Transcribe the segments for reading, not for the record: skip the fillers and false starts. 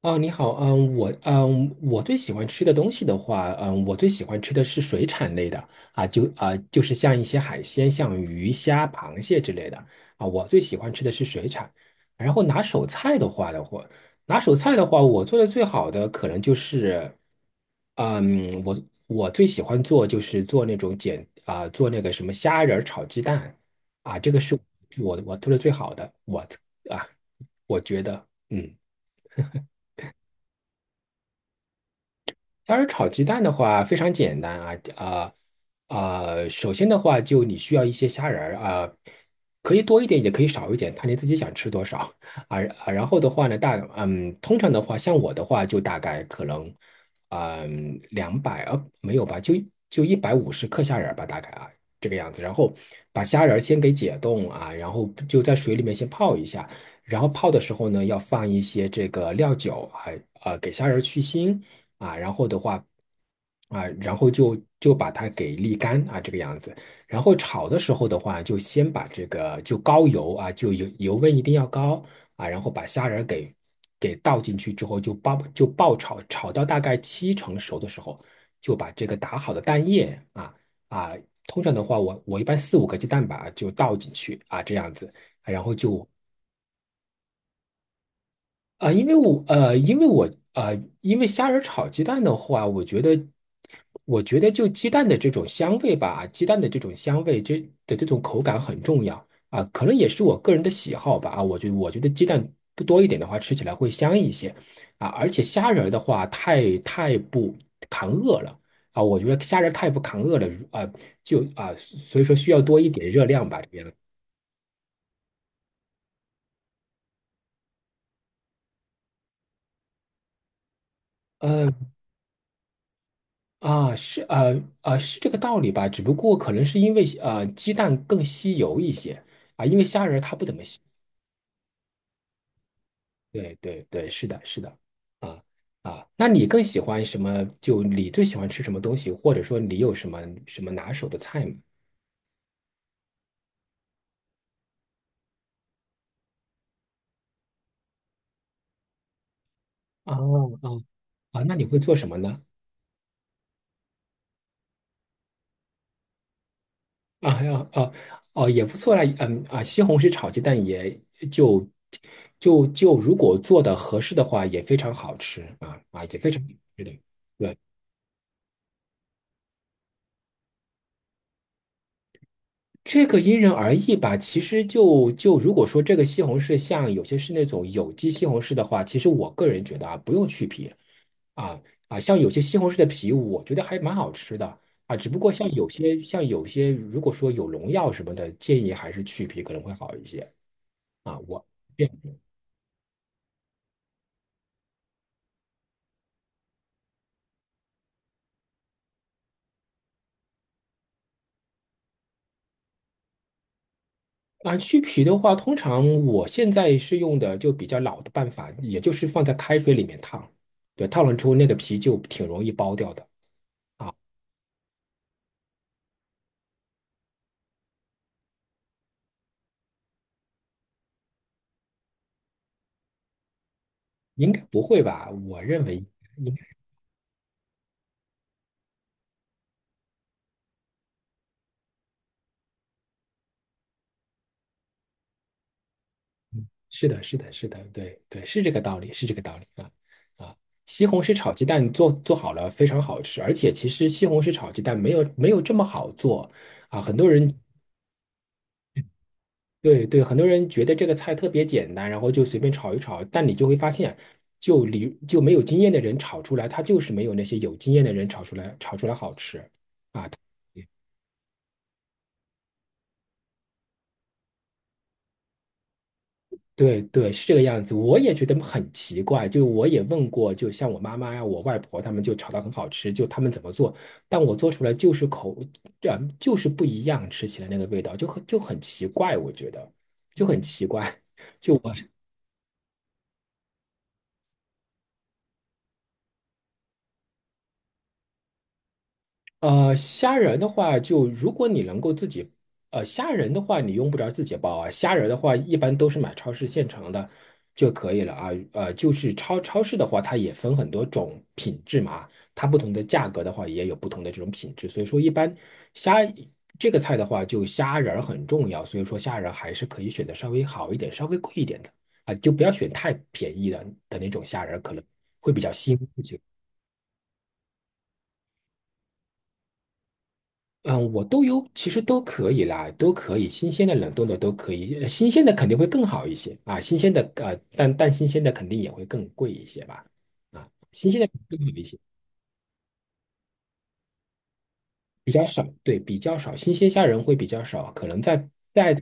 哦，你好，我最喜欢吃的东西的话，我最喜欢吃的是水产类的啊，就是像一些海鲜，像鱼虾、螃蟹之类的啊，我最喜欢吃的是水产。然后拿手菜的话，拿手菜的话，我做的最好的可能就是，嗯，我我最喜欢做就是做那种做那个什么虾仁儿炒鸡蛋啊，这个是我做的最好的，啊，我觉得嗯。要是炒鸡蛋的话，非常简单啊，首先的话，就你需要一些虾仁儿啊、可以多一点，也可以少一点，看你自己想吃多少啊啊。然后的话呢，通常的话，像我的话，就大概可能嗯200啊没有吧，就150克虾仁儿吧，大概啊这个样子。然后把虾仁儿先给解冻啊，然后就在水里面先泡一下。然后泡的时候呢，要放一些这个料酒还呃，给虾仁儿去腥。啊，然后的话。啊，然后就把它给沥干啊，这个样子。然后炒的时候的话，就先把这个就高油啊，就油油温一定要高啊，然后把虾仁儿给倒进去之后，就爆就爆炒，炒到大概七成熟的时候，就把这个打好的蛋液啊啊，通常的话我一般四五个鸡蛋吧就倒进去啊，这样子，然后就啊，因为我呃，因为我呃，因为虾仁炒鸡蛋的话，我觉得，我觉得就鸡蛋的这种香味吧，鸡蛋的这种香味，的这种口感很重要啊，可能也是我个人的喜好吧啊，我觉得鸡蛋多一点的话，吃起来会香一些啊，而且虾仁儿的话，太不扛饿了啊，我觉得虾仁儿太不扛饿了啊，就啊，所以说需要多一点热量吧，这边。呃，啊，是是这个道理吧？只不过可能是因为鸡蛋更吸油一些啊，因为虾仁儿它不怎么吸。对对对，是的，是的，啊啊，那你更喜欢什么？就你最喜欢吃什么东西，或者说你有什么拿手的菜吗？啊啊啊，那你会做什么呢？啊呀啊哦，也不错啦，嗯啊，西红柿炒鸡蛋也就就如果做的合适的话，也非常好吃啊啊，也非常好吃的。对这个因人而异吧。其实就如果说这个西红柿像有些是那种有机西红柿的话，其实我个人觉得啊，不用去皮啊啊，像有些西红柿的皮，我觉得还蛮好吃的啊。只不过像有些，如果说有农药什么的，建议还是去皮可能会好一些啊。我。啊，去皮的话，通常我现在是用的就比较老的办法，也就是放在开水里面烫，对，烫了之后那个皮就挺容易剥掉的，应该不会吧？我认为是的，是的，是的，对对，是这个道理，是这个道理啊啊！西红柿炒鸡蛋做做好了非常好吃，而且其实西红柿炒鸡蛋没有这么好做啊。很多人对对，很多人觉得这个菜特别简单，然后就随便炒一炒，但你就会发现，就你就没有经验的人炒出来，它就是没有那些有经验的人炒出来好吃。对对，是这个样子。我也觉得很奇怪，就我也问过，就像我妈妈呀、我外婆他们就炒的很好吃，就他们怎么做，但我做出来就是口，这样就是不一样，吃起来那个味道就很奇怪，我觉得就很奇怪。呃，虾仁的话，就如果你能够自己，虾仁的话，你用不着自己包啊。虾仁的话，一般都是买超市现成的就可以了啊。呃，就是超市的话，它也分很多种品质嘛，它不同的价格的话，也有不同的这种品质。所以说，一般虾这个菜的话，就虾仁儿很重要。所以说，虾仁还是可以选择稍微好一点、稍微贵一点的啊，就不要选太便宜那种虾仁儿可能会比较腥。嗯，我都有，其实都可以啦，都可以，新鲜的、冷冻的都可以，呃新鲜的肯定会更好一些啊，新鲜的,但新鲜的肯定也会更贵一些吧，啊，新鲜的更好一些，比较少，对，比较少，新鲜虾仁会比较少，可能在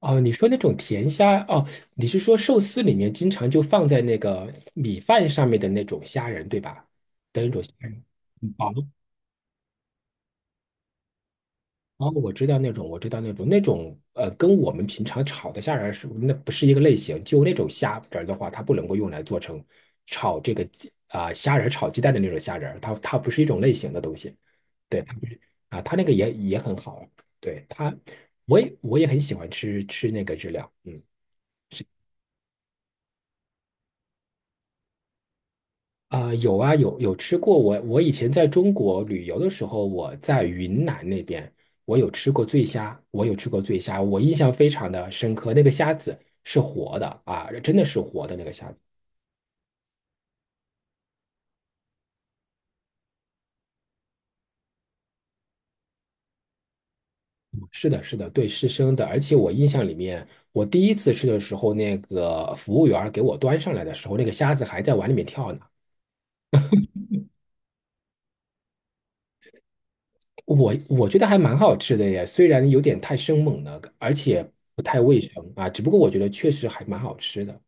哦，你说那种甜虾哦，你是说寿司里面经常就放在那个米饭上面的那种虾仁对吧？的那种虾仁，很薄哦，我知道那种，那种呃，跟我们平常炒的虾仁儿是那不是一个类型。就那种虾仁儿的话，它不能够用来做成炒这个鸡啊、虾仁儿炒鸡蛋的那种虾仁儿它不是一种类型的东西。对，它不是啊，它那个也很好。对它，我也很喜欢吃吃那个日料。嗯。啊、有啊，有吃过。我以前在中国旅游的时候，我在云南那边，我有吃过醉虾，我印象非常的深刻。那个虾子是活的啊，真的是活的那个虾子。是的，是的，对，是生的。而且我印象里面，我第一次吃的时候，那个服务员儿给我端上来的时候，那个虾子还在碗里面跳呢。我觉得还蛮好吃的耶，虽然有点太生猛了，而且不太卫生啊，只不过我觉得确实还蛮好吃的。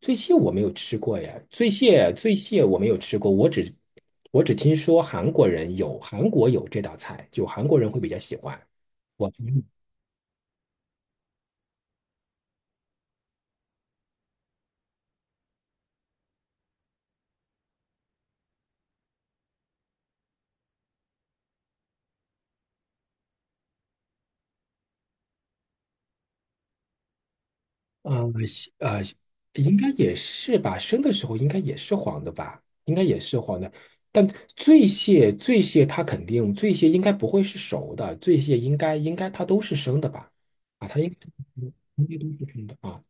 醉蟹我没有吃过呀，醉蟹我没有吃过，我只听说韩国人有韩国有这道菜，就韩国人会比较喜欢。我听呃西呃，应该也是吧，生的时候应该也是黄的吧，应该也是黄的。但醉蟹醉蟹它肯定醉蟹应该不会是熟的，醉蟹应该它都是生的吧？啊，它应该。啊。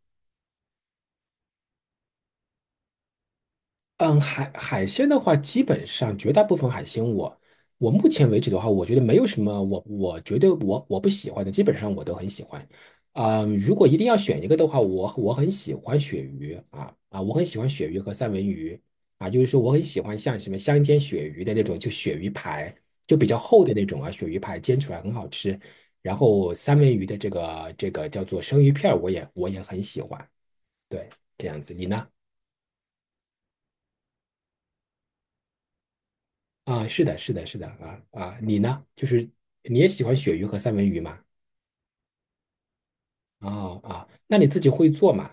嗯，海鲜的话，基本上绝大部分海鲜我，我目前为止的话，我觉得没有什么我觉得我不喜欢的，基本上我都很喜欢。嗯，如果一定要选一个的话，我很喜欢鳕鱼啊啊，我很喜欢鳕鱼和三文鱼啊，就是说我很喜欢像什么香煎鳕鱼的那种，就鳕鱼排，就比较厚的那种啊，鳕鱼排煎出来很好吃。然后三文鱼的这个叫做生鱼片儿，我也很喜欢。对，这样子，你呢？啊，是的，是的，是的，啊啊，你呢？就是你也喜欢鳕鱼和三文鱼吗？哦啊，那你自己会做吗？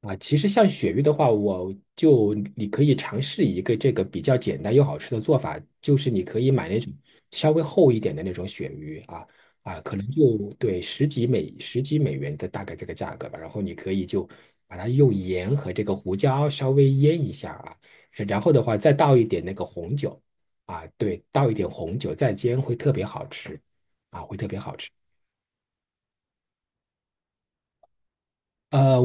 啊，其实像鳕鱼的话，我就你可以尝试一个这个比较简单又好吃的做法，就是你可以买那种稍微厚一点的那种鳕鱼啊啊，可能就对十几美元的大概这个价格吧。然后你可以就把它用盐和这个胡椒稍微腌一下啊，然后的话再倒一点那个红酒啊，对，倒一点红酒再煎会特别好吃啊，会特别好吃。呃，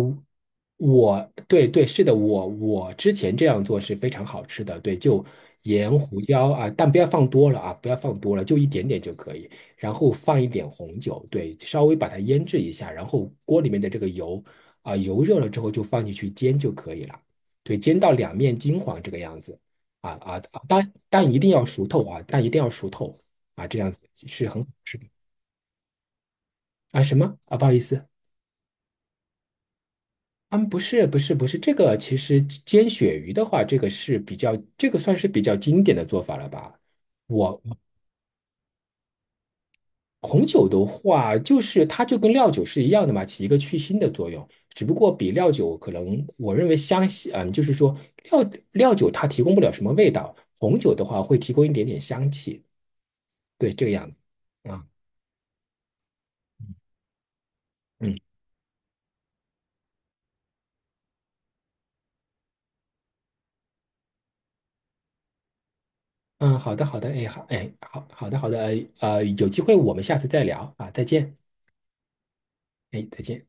我对对是的，我之前这样做是非常好吃的，对，就盐胡椒啊，但不要放多了啊，不要放多了，就一点点就可以，然后放一点红酒，对，稍微把它腌制一下，然后锅里面的这个油啊，油热了之后就放进去煎就可以了，对，煎到两面金黄这个样子啊啊，但一定要熟透啊，但一定要熟透啊，这样子是很好吃的啊，什么啊，不好意思。嗯，不是，不是，不是，这个其实煎鳕鱼的话，这个是比较，这个算是比较经典的做法了吧？我红酒的话，就是它就跟料酒是一样的嘛，起一个去腥的作用，只不过比料酒可能我认为香气，嗯，就是说料料酒它提供不了什么味道，红酒的话会提供一点点香气，对，这个样子。啊，嗯嗯，好的，好的，哎，好，哎，好，好的，好的，有机会我们下次再聊啊，再见，哎，再见。